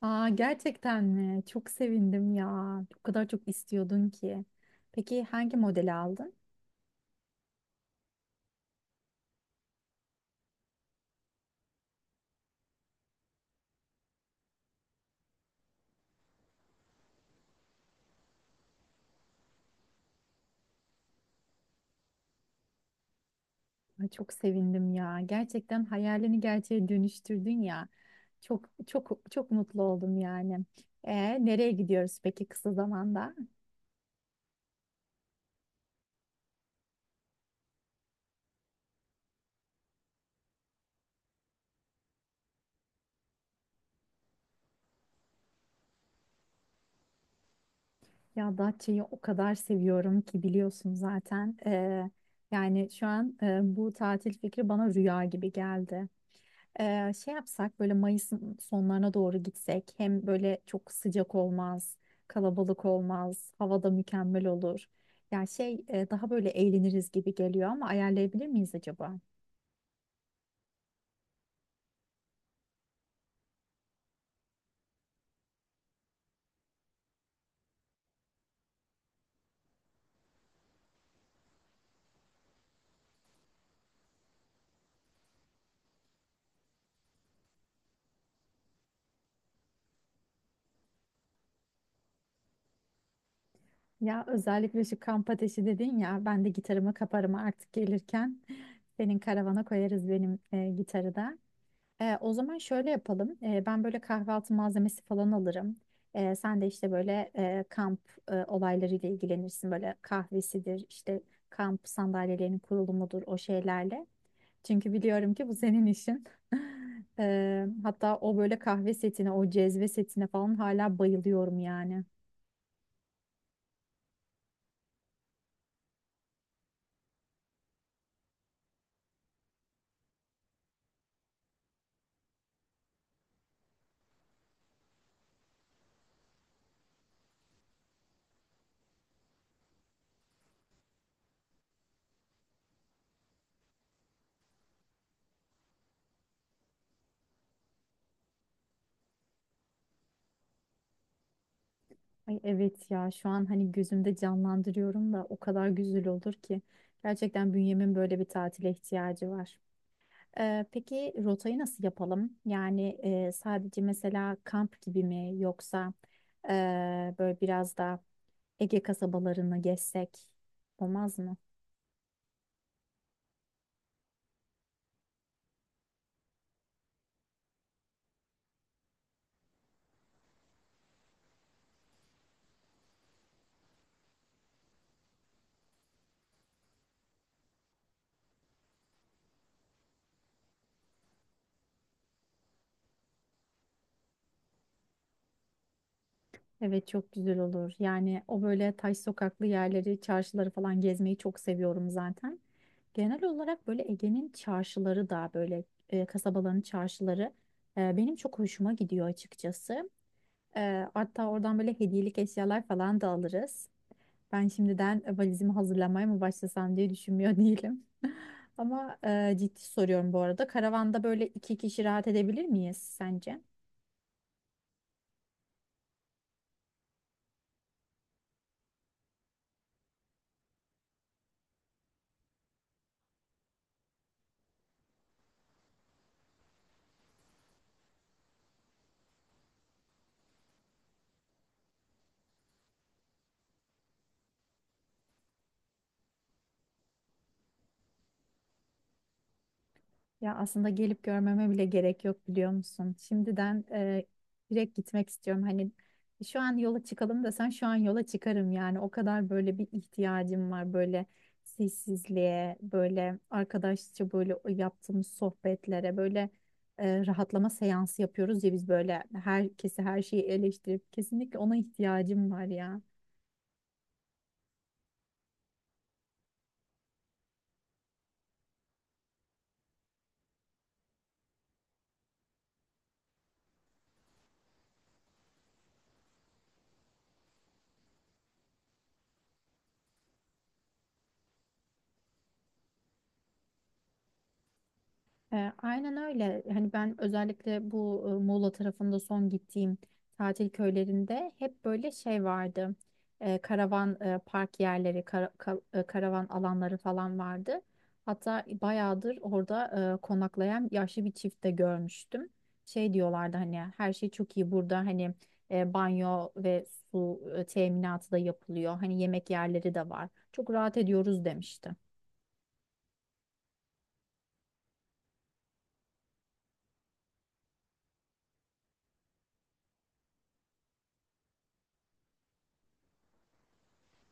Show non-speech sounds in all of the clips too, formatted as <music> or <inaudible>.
Aa, gerçekten mi? Çok sevindim ya. O kadar çok istiyordun ki. Peki hangi modeli aldın? Ay, çok sevindim ya. Gerçekten hayalini gerçeğe dönüştürdün ya. Çok çok çok mutlu oldum yani. Nereye gidiyoruz peki kısa zamanda? Ya Datça'yı o kadar seviyorum ki biliyorsun zaten. Yani şu an bu tatil fikri bana rüya gibi geldi. Şey yapsak böyle Mayıs'ın sonlarına doğru gitsek hem böyle çok sıcak olmaz, kalabalık olmaz, hava da mükemmel olur. Ya şey daha böyle eğleniriz gibi geliyor ama ayarlayabilir miyiz acaba? Ya özellikle şu kamp ateşi dedin ya ben de gitarımı kaparım artık gelirken. <laughs> Senin karavana koyarız benim gitarı da. O zaman şöyle yapalım. Ben böyle kahvaltı malzemesi falan alırım. Sen de işte böyle kamp olaylarıyla ilgilenirsin. Böyle kahvesidir, işte kamp sandalyelerinin kurulumudur o şeylerle. Çünkü biliyorum ki bu senin işin. <laughs> Hatta o böyle kahve setine, o cezve setine falan hala bayılıyorum yani. Ay evet ya şu an hani gözümde canlandırıyorum da o kadar güzel olur ki. Gerçekten bünyemin böyle bir tatile ihtiyacı var. Peki rotayı nasıl yapalım? Yani sadece mesela kamp gibi mi yoksa böyle biraz da Ege kasabalarını gezsek olmaz mı? Evet çok güzel olur. Yani o böyle taş sokaklı yerleri, çarşıları falan gezmeyi çok seviyorum zaten. Genel olarak böyle Ege'nin çarşıları da böyle kasabaların çarşıları benim çok hoşuma gidiyor açıkçası. Hatta oradan böyle hediyelik eşyalar falan da alırız. Ben şimdiden valizimi hazırlamaya mı başlasam diye düşünmüyor <laughs> değilim. Ama ciddi soruyorum bu arada. Karavanda böyle iki kişi rahat edebilir miyiz sence? Ya aslında gelip görmeme bile gerek yok biliyor musun? Şimdiden direkt gitmek istiyorum. Hani şu an yola çıkalım desen şu an yola çıkarım yani. O kadar böyle bir ihtiyacım var böyle sessizliğe, böyle arkadaşça böyle o yaptığımız sohbetlere, böyle rahatlama seansı yapıyoruz ya biz böyle herkesi her şeyi eleştirip kesinlikle ona ihtiyacım var ya. Aynen öyle. Hani ben özellikle bu Muğla tarafında son gittiğim tatil köylerinde hep böyle şey vardı. Karavan park yerleri, karavan alanları falan vardı. Hatta bayağıdır orada konaklayan yaşlı bir çift de görmüştüm. Şey diyorlardı hani her şey çok iyi burada hani banyo ve su teminatı da yapılıyor. Hani yemek yerleri de var. Çok rahat ediyoruz demişti.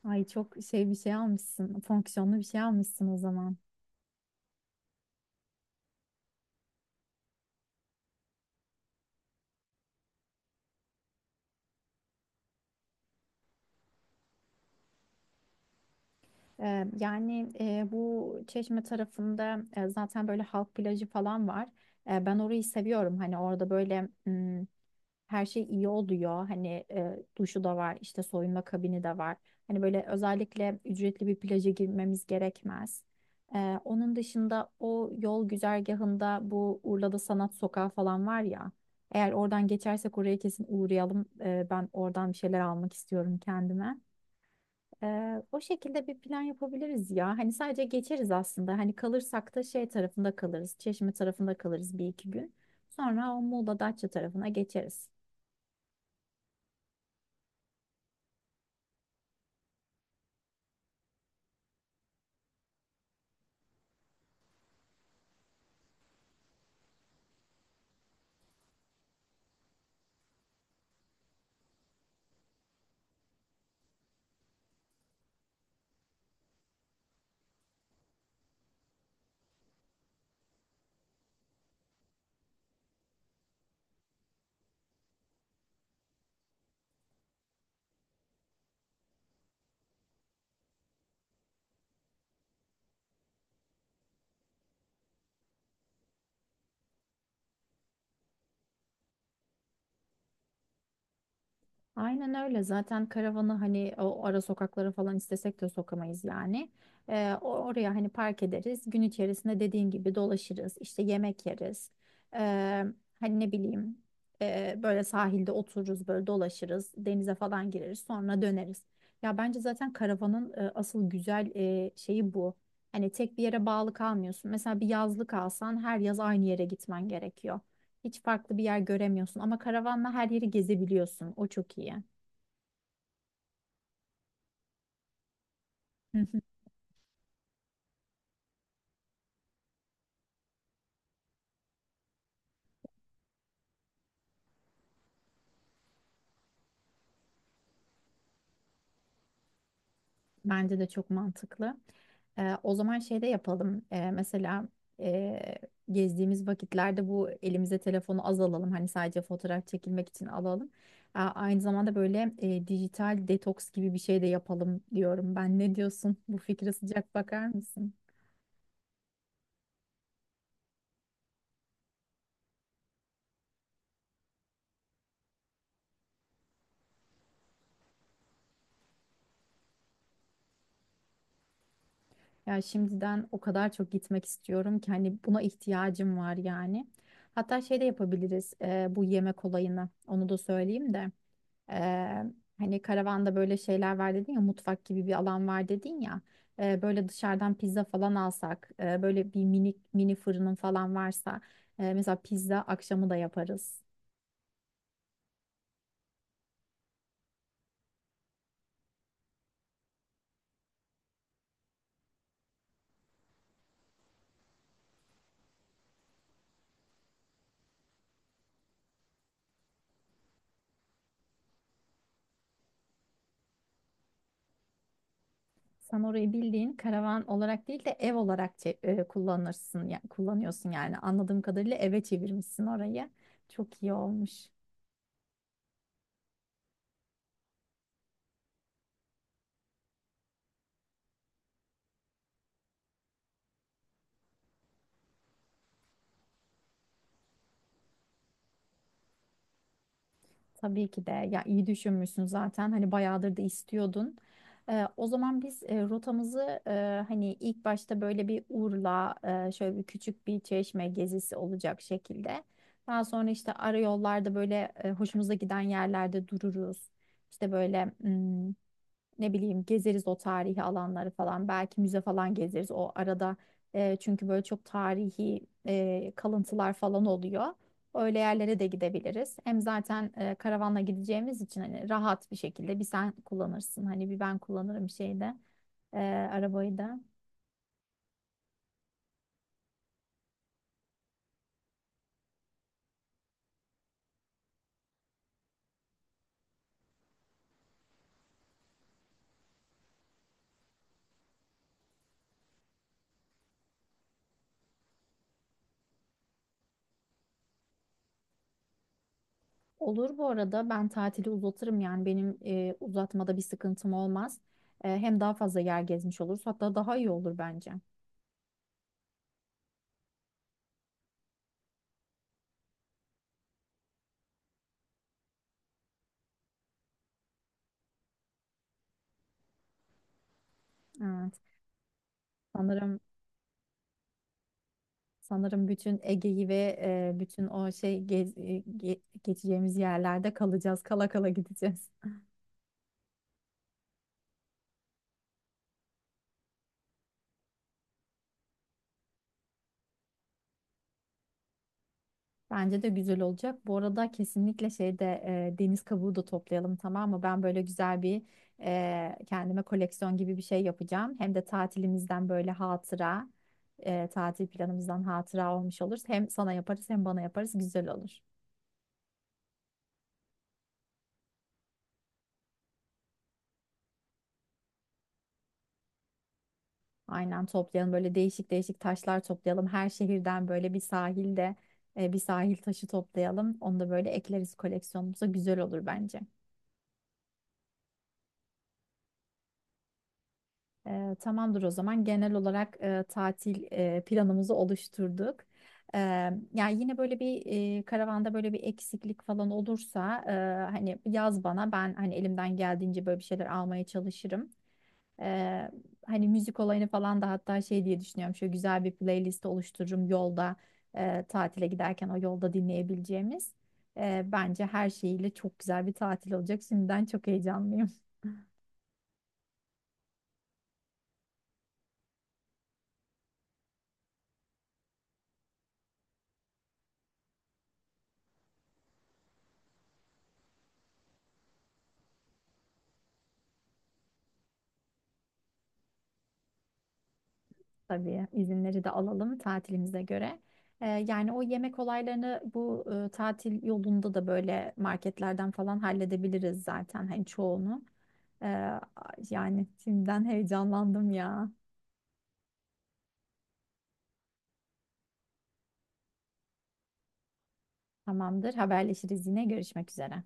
Ay çok şey bir şey almışsın, fonksiyonlu bir şey almışsın o zaman. Yani bu Çeşme tarafında zaten böyle halk plajı falan var. Ben orayı seviyorum. Hani orada böyle her şey iyi oluyor. Hani duşu da var, işte soyunma kabini de var. Hani böyle özellikle ücretli bir plaja girmemiz gerekmez. Onun dışında o yol güzergahında bu Urla'da Sanat Sokağı falan var ya. Eğer oradan geçersek oraya kesin uğrayalım. Ben oradan bir şeyler almak istiyorum kendime. O şekilde bir plan yapabiliriz ya. Hani sadece geçeriz aslında. Hani kalırsak da şey tarafında kalırız. Çeşme tarafında kalırız bir iki gün. Sonra o Muğla Datça tarafına geçeriz. Aynen öyle. Zaten karavanı hani o ara sokaklara falan istesek de sokamayız yani. Oraya hani park ederiz. Gün içerisinde dediğin gibi dolaşırız. İşte yemek yeriz. Ee, Hani ne bileyim böyle sahilde otururuz böyle dolaşırız. Denize falan gireriz sonra döneriz. Ya bence zaten karavanın asıl güzel şeyi bu. Hani tek bir yere bağlı kalmıyorsun. Mesela bir yazlık alsan her yaz aynı yere gitmen gerekiyor. Hiç farklı bir yer göremiyorsun ama karavanla her yeri gezebiliyorsun. O çok iyi. Hı hı. Bence de çok mantıklı. O zaman şey de yapalım. Mesela e, gezdiğimiz vakitlerde bu elimize telefonu az alalım. Hani sadece fotoğraf çekilmek için alalım. Aa, aynı zamanda böyle dijital detoks gibi bir şey de yapalım diyorum ben. Ne diyorsun? Bu fikre sıcak bakar mısın? Ya şimdiden o kadar çok gitmek istiyorum ki hani buna ihtiyacım var yani. Hatta şey de yapabiliriz bu yemek olayını. Onu da söyleyeyim de. E, Hani karavanda böyle şeyler var dedin ya mutfak gibi bir alan var dedin ya. Böyle dışarıdan pizza falan alsak böyle bir mini mini fırının falan varsa mesela pizza akşamı da yaparız. Sen orayı bildiğin karavan olarak değil de ev olarak kullanırsın ya kullanıyorsun yani anladığım kadarıyla eve çevirmişsin orayı. Çok iyi olmuş. Tabii ki de ya iyi düşünmüşsün zaten hani bayağıdır da istiyordun. O zaman biz rotamızı hani ilk başta böyle bir Urla şöyle bir küçük bir çeşme gezisi olacak şekilde. Daha sonra işte ara yollarda böyle hoşumuza giden yerlerde dururuz. İşte böyle ne bileyim gezeriz o tarihi alanları falan. Belki müze falan gezeriz o arada. Çünkü böyle çok tarihi kalıntılar falan oluyor. Öyle yerlere de gidebiliriz. Hem zaten karavanla gideceğimiz için hani rahat bir şekilde bir sen kullanırsın. Hani bir ben kullanırım şeyde e, arabayı da. Olur bu arada ben tatili uzatırım yani benim uzatmada bir sıkıntım olmaz. Hem daha fazla yer gezmiş oluruz hatta daha iyi olur bence. Evet sanırım Sanırım bütün Ege'yi ve bütün o şey geçeceğimiz yerlerde kalacağız. Kala kala gideceğiz. Bence de güzel olacak. Bu arada kesinlikle şeyde deniz kabuğu da toplayalım, tamam mı? Ben böyle güzel bir kendime koleksiyon gibi bir şey yapacağım. Hem de tatilimizden böyle hatıra, tatil planımızdan hatıra olmuş olur. Hem sana yaparız hem bana yaparız güzel olur. Aynen toplayalım böyle değişik değişik taşlar toplayalım. Her şehirden böyle bir sahilde bir sahil taşı toplayalım. Onu da böyle ekleriz koleksiyonumuza güzel olur bence. Tamamdır o zaman genel olarak tatil planımızı oluşturduk. E, Yani yine böyle bir karavanda böyle bir eksiklik falan olursa hani yaz bana, ben hani elimden geldiğince böyle bir şeyler almaya çalışırım. Ee, Hani müzik olayını falan da hatta şey diye düşünüyorum. Şöyle güzel bir playlist oluştururum yolda tatile giderken o yolda dinleyebileceğimiz. Bence her şeyiyle çok güzel bir tatil olacak. Şimdiden çok heyecanlıyım. <laughs> Tabii izinleri de alalım tatilimize göre. Yani o yemek olaylarını bu tatil yolunda da böyle marketlerden falan halledebiliriz zaten hani çoğunu. Ee, Yani şimdiden heyecanlandım ya. Tamamdır, haberleşiriz, yine görüşmek üzere.